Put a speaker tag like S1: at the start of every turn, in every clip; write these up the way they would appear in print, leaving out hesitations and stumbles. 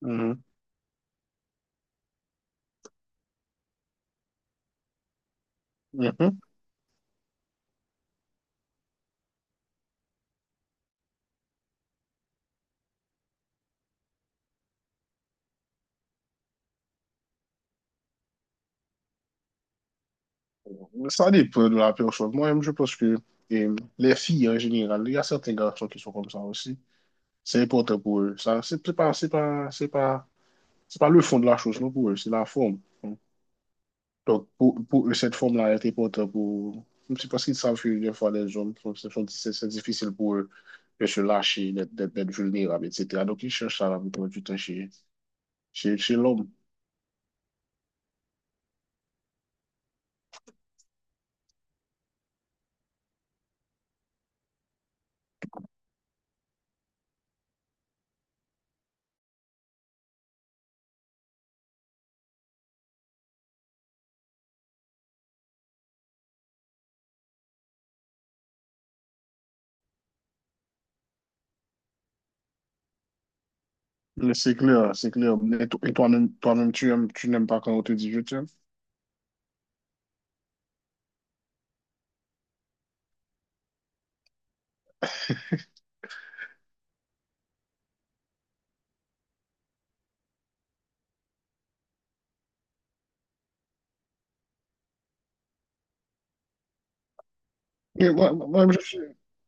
S1: Mhm, mhm. Ça dépend de la personne. Moi-même, je pense que les filles en général, il y a certains garçons qui sont comme ça aussi. C'est important pour eux. Ça, c'est pas le fond de la chose, non, pour eux, c'est la forme. Donc, pour eux, cette forme-là est importante pour. C'est parce qu'ils savent que des fois, les hommes, sont- ce sont- c'est difficile pour eux de se lâcher, d'être vulnérables, etc. Donc, ils cherchent ça la plupart du temps chez, chez l'homme. Mais c'est clair, c'est clair. Et toi-même, tu n'aimes pas quand on te dit je t'aime. Et moi, je suis,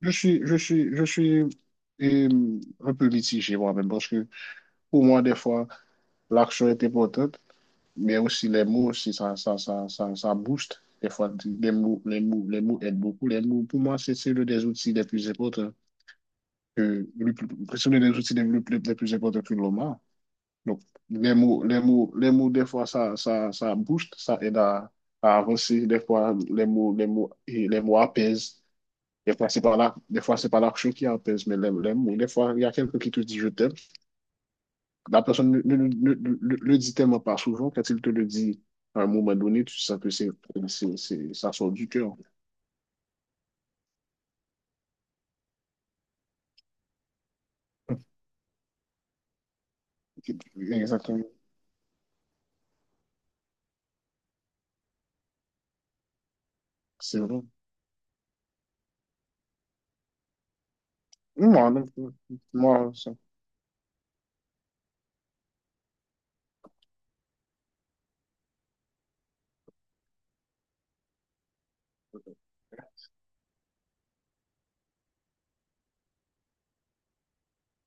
S1: je suis, je suis, je suis euh, un peu mitigé moi-même parce que pour moi, des fois, l'action est importante, mais aussi les mots, aussi, ça booste. Des fois, les mots aident beaucoup. Les mots, pour moi, c'est l'un des outils les plus importants que, le plus- c'est l'un des outils les plus importants que l'homme a. Donc, les mots, des fois, ça booste, ça aide à avancer. Des fois, et les mots apaisent. Des fois, c'est pas la, des fois, c'est pas l'action qui apaise, mais l'aime. Ou des fois, il y a quelqu'un qui te dit je t'aime. La personne ne le dit tellement pas souvent. Quand il te le dit à un moment donné, tu sens que ça sort du cœur. Exactement. C'est vrai. Moi, non, moi, ça.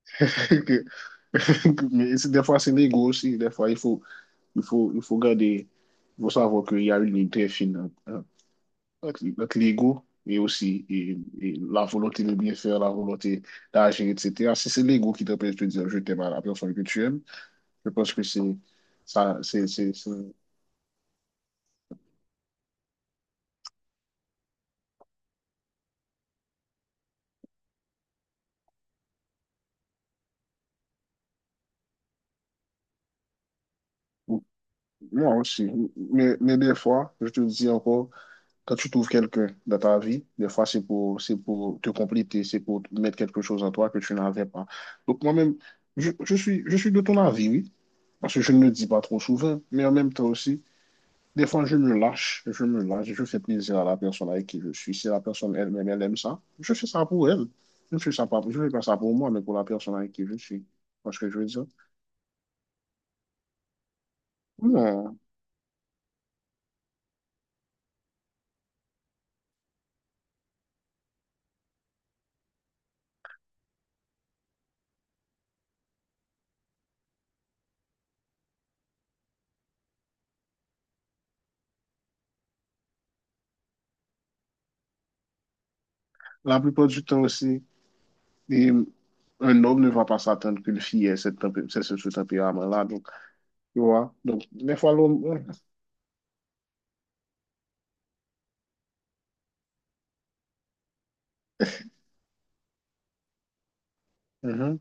S1: que- Mais des fois, c'est l'ego aussi. Des fois, il faut garder, il faut savoir qu'il y a une ligne très fine hein. Notre l'ego et aussi et la volonté de bien faire, la volonté d'agir, etc. Si c'est l'ego qui t'empêche de dire je t'aime à la personne que tu aimes, je pense que c'est ça. Ou- Moi aussi. Mais des fois, je te dis encore, quand tu trouves quelqu'un dans ta vie, des fois c'est pour te compléter, c'est pour mettre quelque chose en toi que tu n'avais pas. Donc moi-même, je suis de ton avis, oui, parce que je ne le dis pas trop souvent, mais en même temps aussi. Des fois, je me lâche, je fais plaisir à la personne avec qui je suis. Si la personne elle-même, elle aime ça, je fais ça pour elle. Je fais pas ça pour moi, mais pour la personne avec qui je suis. Tu vois ce que je veux dire? Non. La plupart du temps aussi, les- un homme ne va pas s'attendre qu'une fille ait cette tempé- ce- ce tempérament-là. Donc, tu vois? Donc, des fois, l'homme. Ouais. Mhm.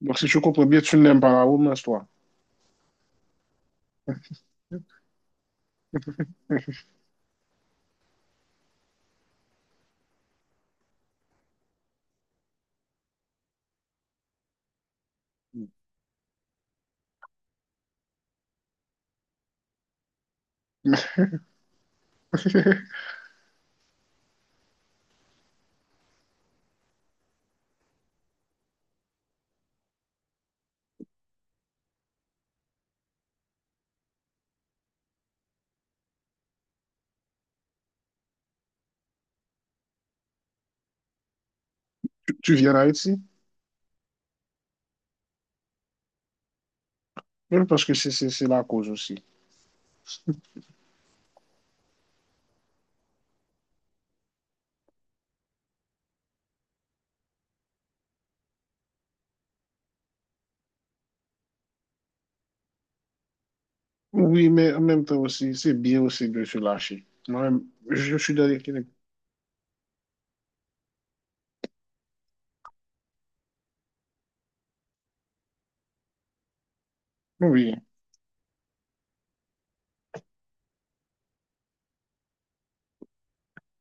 S1: Donc, si je comprends bien, tu n'aimes pas la romance, toi. Tu viens d'Haïti? Je pense que c'est la cause aussi. Oui, mais en même temps aussi, c'est bien aussi de se lâcher. Moi-même, je suis dans l'équilibre. Oui,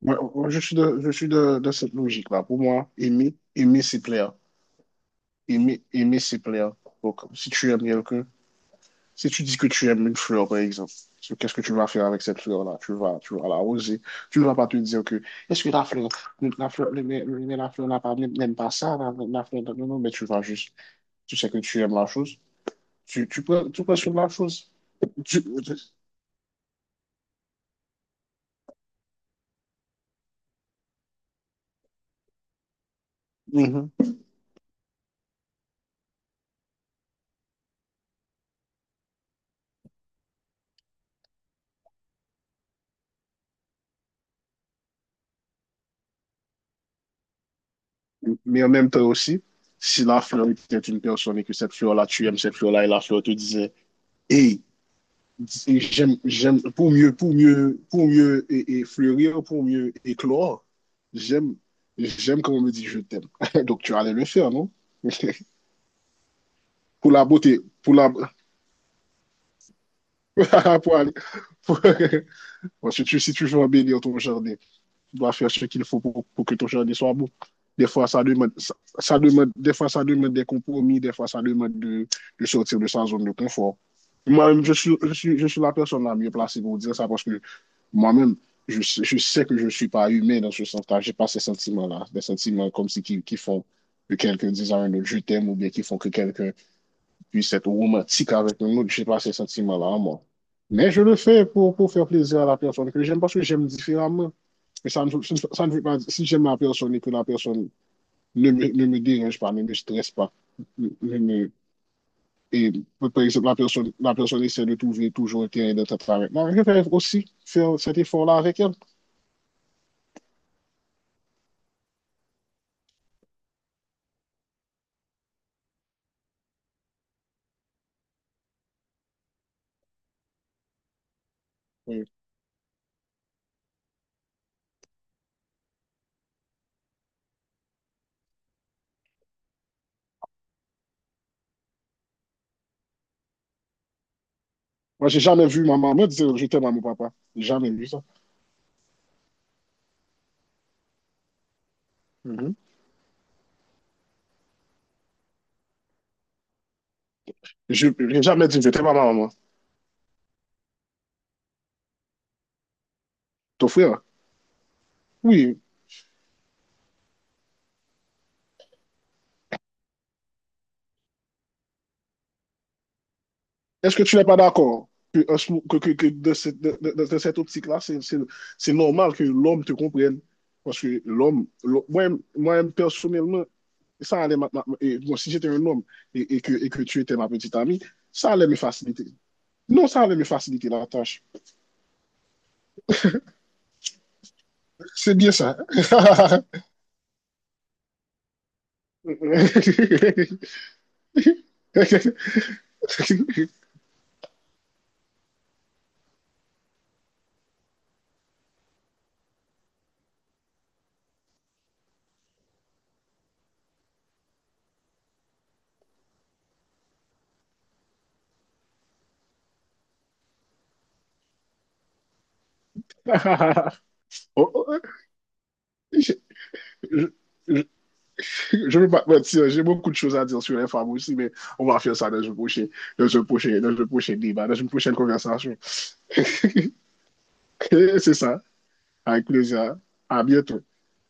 S1: moi, je suis de cette logique-là. Pour moi, aimer, aimer, c'est plaire. Aimer, aimer, c'est plaire. Donc, si tu aimes quelqu'un, si tu dis que tu aimes une fleur, par exemple, so, qu'est-ce que tu vas faire avec cette fleur-là? Tu vas l'arroser. Tu ne vas pas te dire est-ce que la fleur, mais la fleur n'aime pas ça, la fleur, non, non, mais tu vas juste, tu sais que tu aimes la chose. Tu prends sur la chose. Tu, Mhm. Mais en même temps aussi, si la fleur était une personne et que cette fleur-là, tu aimes cette fleur-là, et la fleur te disait, hey, j'aime, pour mieux et fleurir, pour mieux éclore, j'aime, j'aime quand on me dit je t'aime. Donc tu allais le faire, non? Pour la beauté, pour aller, pour- Parce que tu, si tu veux embellir ton jardin, tu dois faire ce qu'il faut que ton jardin soit beau. Des fois, ça demande, ça demande, des fois, ça demande des compromis, des fois, ça demande de sortir de sa zone de confort. Moi-même, je suis la personne la mieux placée pour dire ça parce que moi-même, sais que je ne suis pas humain dans ce sens-là. Je n'ai pas ces sentiments-là, des sentiments comme si qui font que quelqu'un dise à un autre je t'aime ou bien qui font que quelqu'un puisse être romantique avec un autre. Je n'ai pas ces sentiments-là en moi. Mais je le fais pour faire plaisir à la personne que j'aime parce que j'aime différemment que ça ne veut pas dire, si j'aime la personne et que la personne ne me dérange pas, ne me stresse pas, ne me, et par exemple, la personne essaie de trouver toujours un terrain d'entente avec moi, je vais aussi faire cet effort-là avec elle. Oui. Moi, j'ai jamais vu ma maman dire je t'aime à mon papa. J'ai jamais vu ça. Mm -hmm. Je n'ai jamais dit je t'aime à ma maman. Ton frère? Oui. Est-ce que tu n'es pas d'accord que, que de cette, de cette optique-là, c'est normal que l'homme te comprenne? Parce que l'homme, moi-même, personnellement, ça allait ma- ma- et, bon, si j'étais un homme et que tu étais ma petite amie, ça allait me faciliter. Non, ça allait me faciliter la tâche. C'est bien ça. Oh, oh, je, je- Je ne veux pas te mentir, j'ai beaucoup de choses à dire sur les femmes aussi, mais on va faire ça dans un prochain, débat, dans une prochaine conversation. Et c'est ça. Avec plaisir. À bientôt.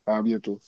S1: À bientôt.